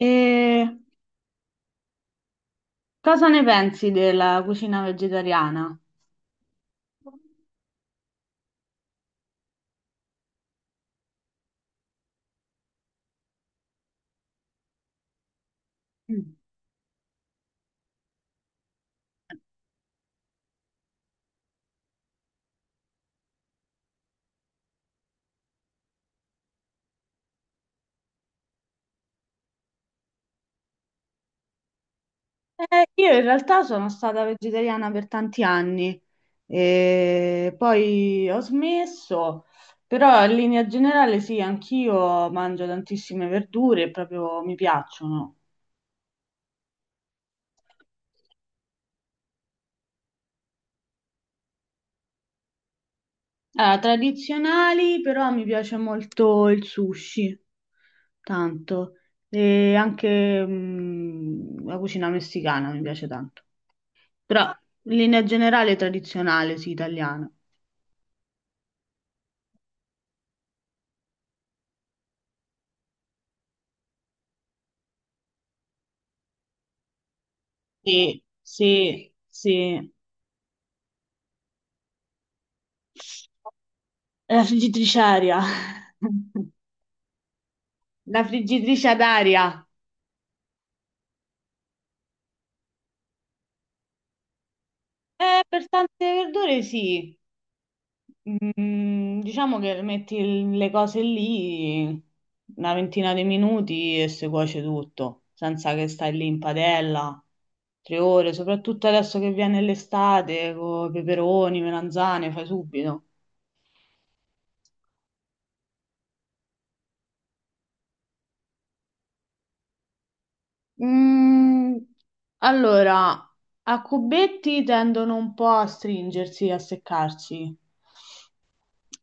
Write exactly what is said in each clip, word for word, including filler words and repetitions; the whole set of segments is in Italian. E cosa ne pensi della cucina vegetariana? Mm. Io in realtà sono stata vegetariana per tanti anni e poi ho smesso, però in linea generale sì, anch'io mangio tantissime verdure, proprio mi piacciono. Allora, tradizionali, però mi piace molto il sushi, tanto, e anche mm, la cucina messicana mi piace tanto. Però in linea generale tradizionale, sì, italiana. Sì, sì, sì. La friggitrice aria. La friggitrice ad aria. Eh, per tante verdure sì. Mm, diciamo che metti il- le cose lì una ventina di minuti e si cuoce tutto, senza che stai lì in padella tre ore, soprattutto adesso che viene l'estate, con peperoni, melanzane, fai subito. Mm, allora, a cubetti tendono un po' a stringersi, a seccarsi,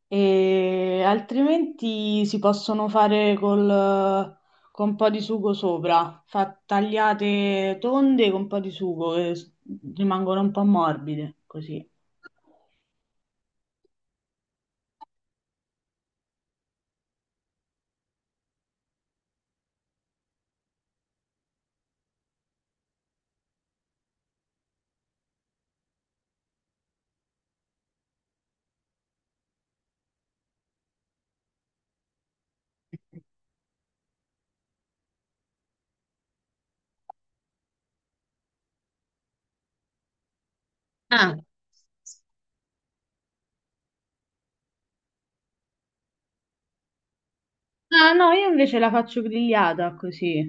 e altrimenti si possono fare col- con un po' di sugo sopra, fa- tagliate tonde con un po' di sugo e s- rimangono un po' morbide, così. Ah. Ah, no, io invece la faccio grigliata così.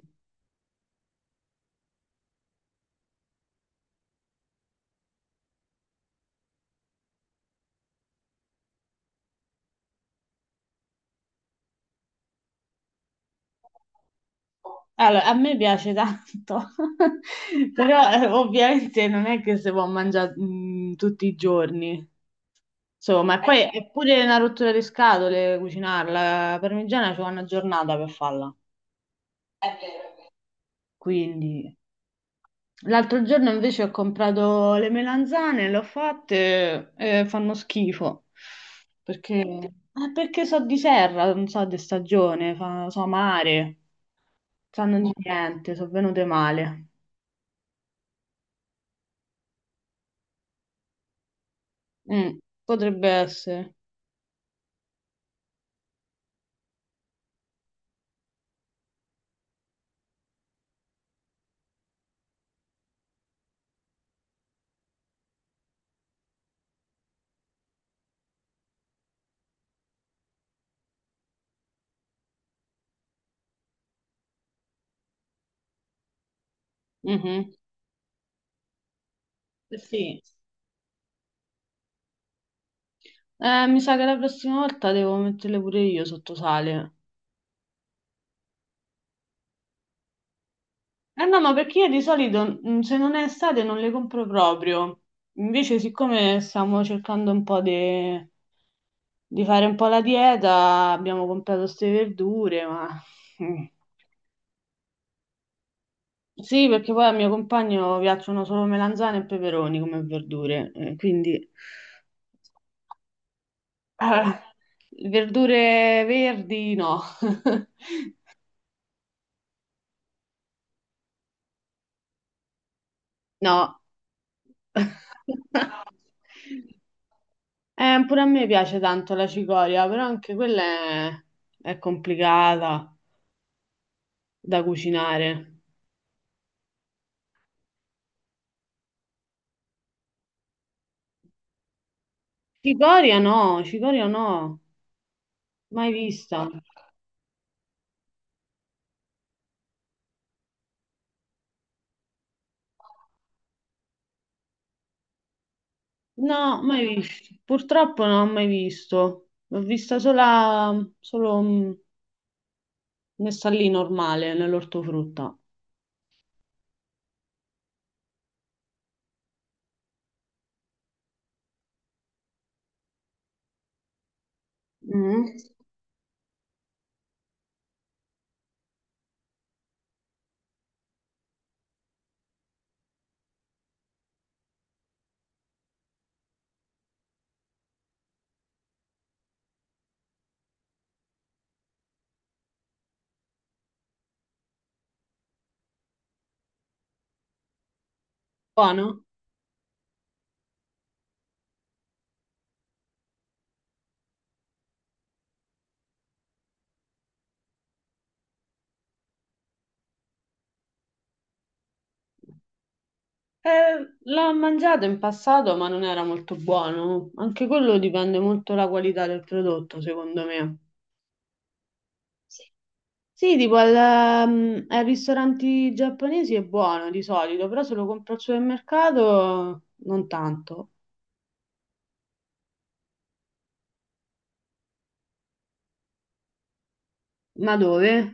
Allora, a me piace tanto, però eh, ovviamente non è che si può mangiare mm, tutti i giorni, insomma, e eh, poi eh, è pure una rottura di scatole cucinarla, la parmigiana ci vuole una giornata per farla, quindi... L'altro giorno invece ho comprato le melanzane, le ho fatte e fanno schifo, perché, eh, perché so di serra, non so di stagione, fa- so mare, sanno di niente, sono venute male. Mm, potrebbe essere. Mhm. Eh, sì. Eh, mi sa che la prossima volta devo metterle pure io sotto sale. Eh no, ma perché io di solito mm, se non è estate non le compro proprio. Invece, siccome stiamo cercando un po' di, di fare un po' la dieta, abbiamo comprato queste verdure, ma... mm. Sì, perché poi al mio compagno piacciono solo melanzane e peperoni come verdure, eh, quindi eh, verdure verdi no. No, eh, pure a me piace tanto la cicoria, però anche quella è, è complicata da cucinare. Cicoria no, cicoria no, mai vista. No, mai vista. Purtroppo non ho mai visto. L'ho vista sola, solo mm, messa lì normale, nell'ortofrutta. Mm. Buono? Eh, l'ho mangiato in passato, ma non era molto buono. Anche quello dipende molto dalla qualità del prodotto, secondo me. Sì, tipo al, ehm, ai ristoranti giapponesi è buono di solito, però se lo compro al supermercato non tanto. Ma dove?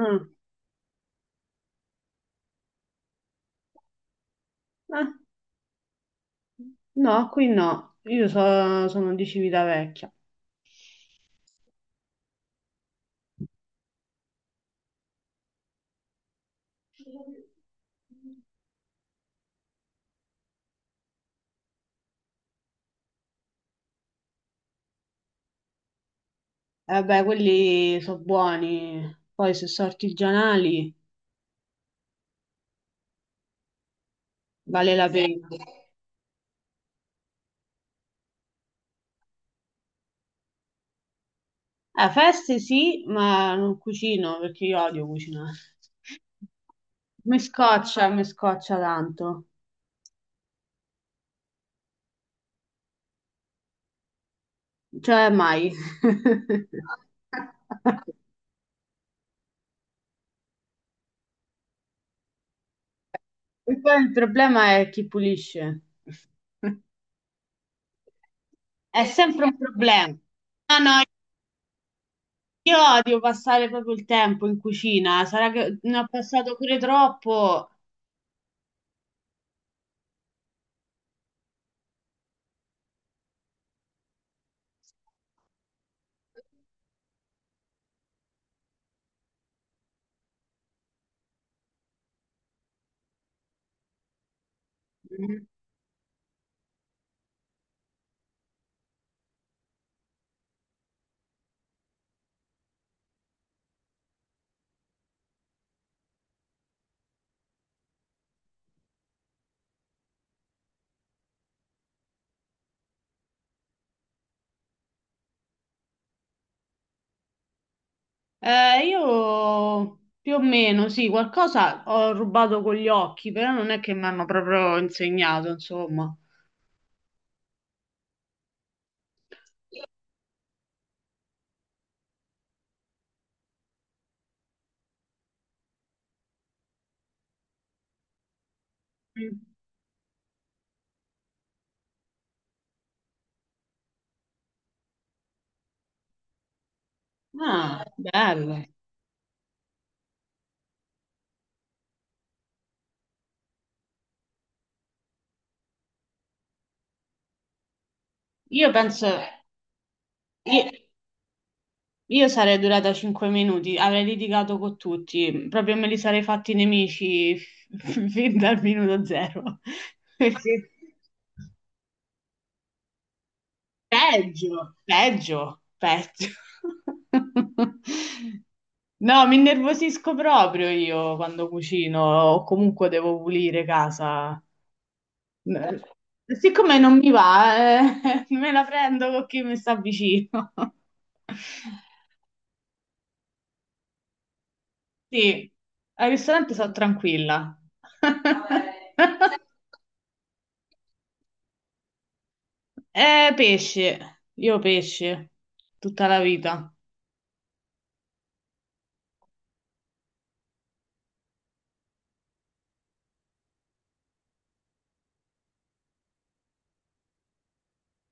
Mm. Ah, no, qui no. Io so- sono di Civitavecchia. Eh, Vabbè, quelli sono buoni. Poi se sono artigianali vale la pena. Eh, feste sì, ma non cucino perché io odio cucinare. Mi scoccia, mi scoccia tanto. Cioè, mai. E poi il problema è chi pulisce. È sempre un problema. Ah, no, io odio passare proprio il tempo in cucina. Sarà che ne ho passato pure troppo. Eh, io più o meno, sì, qualcosa ho rubato con gli occhi, però non è che mi hanno proprio insegnato, insomma. Mm. Ah, bello. Io penso, io, Io sarei durata cinque minuti, avrei litigato con tutti, proprio me li sarei fatti nemici f- fin dal minuto zero. Perché peggio, peggio, peggio. No, mi innervosisco proprio io quando cucino o comunque devo pulire casa. Eh, Siccome non mi va, eh, me la prendo con chi mi sta vicino. Sì, al ristorante sono tranquilla. Vabbè. Eh, pesce, io pesce, tutta la vita.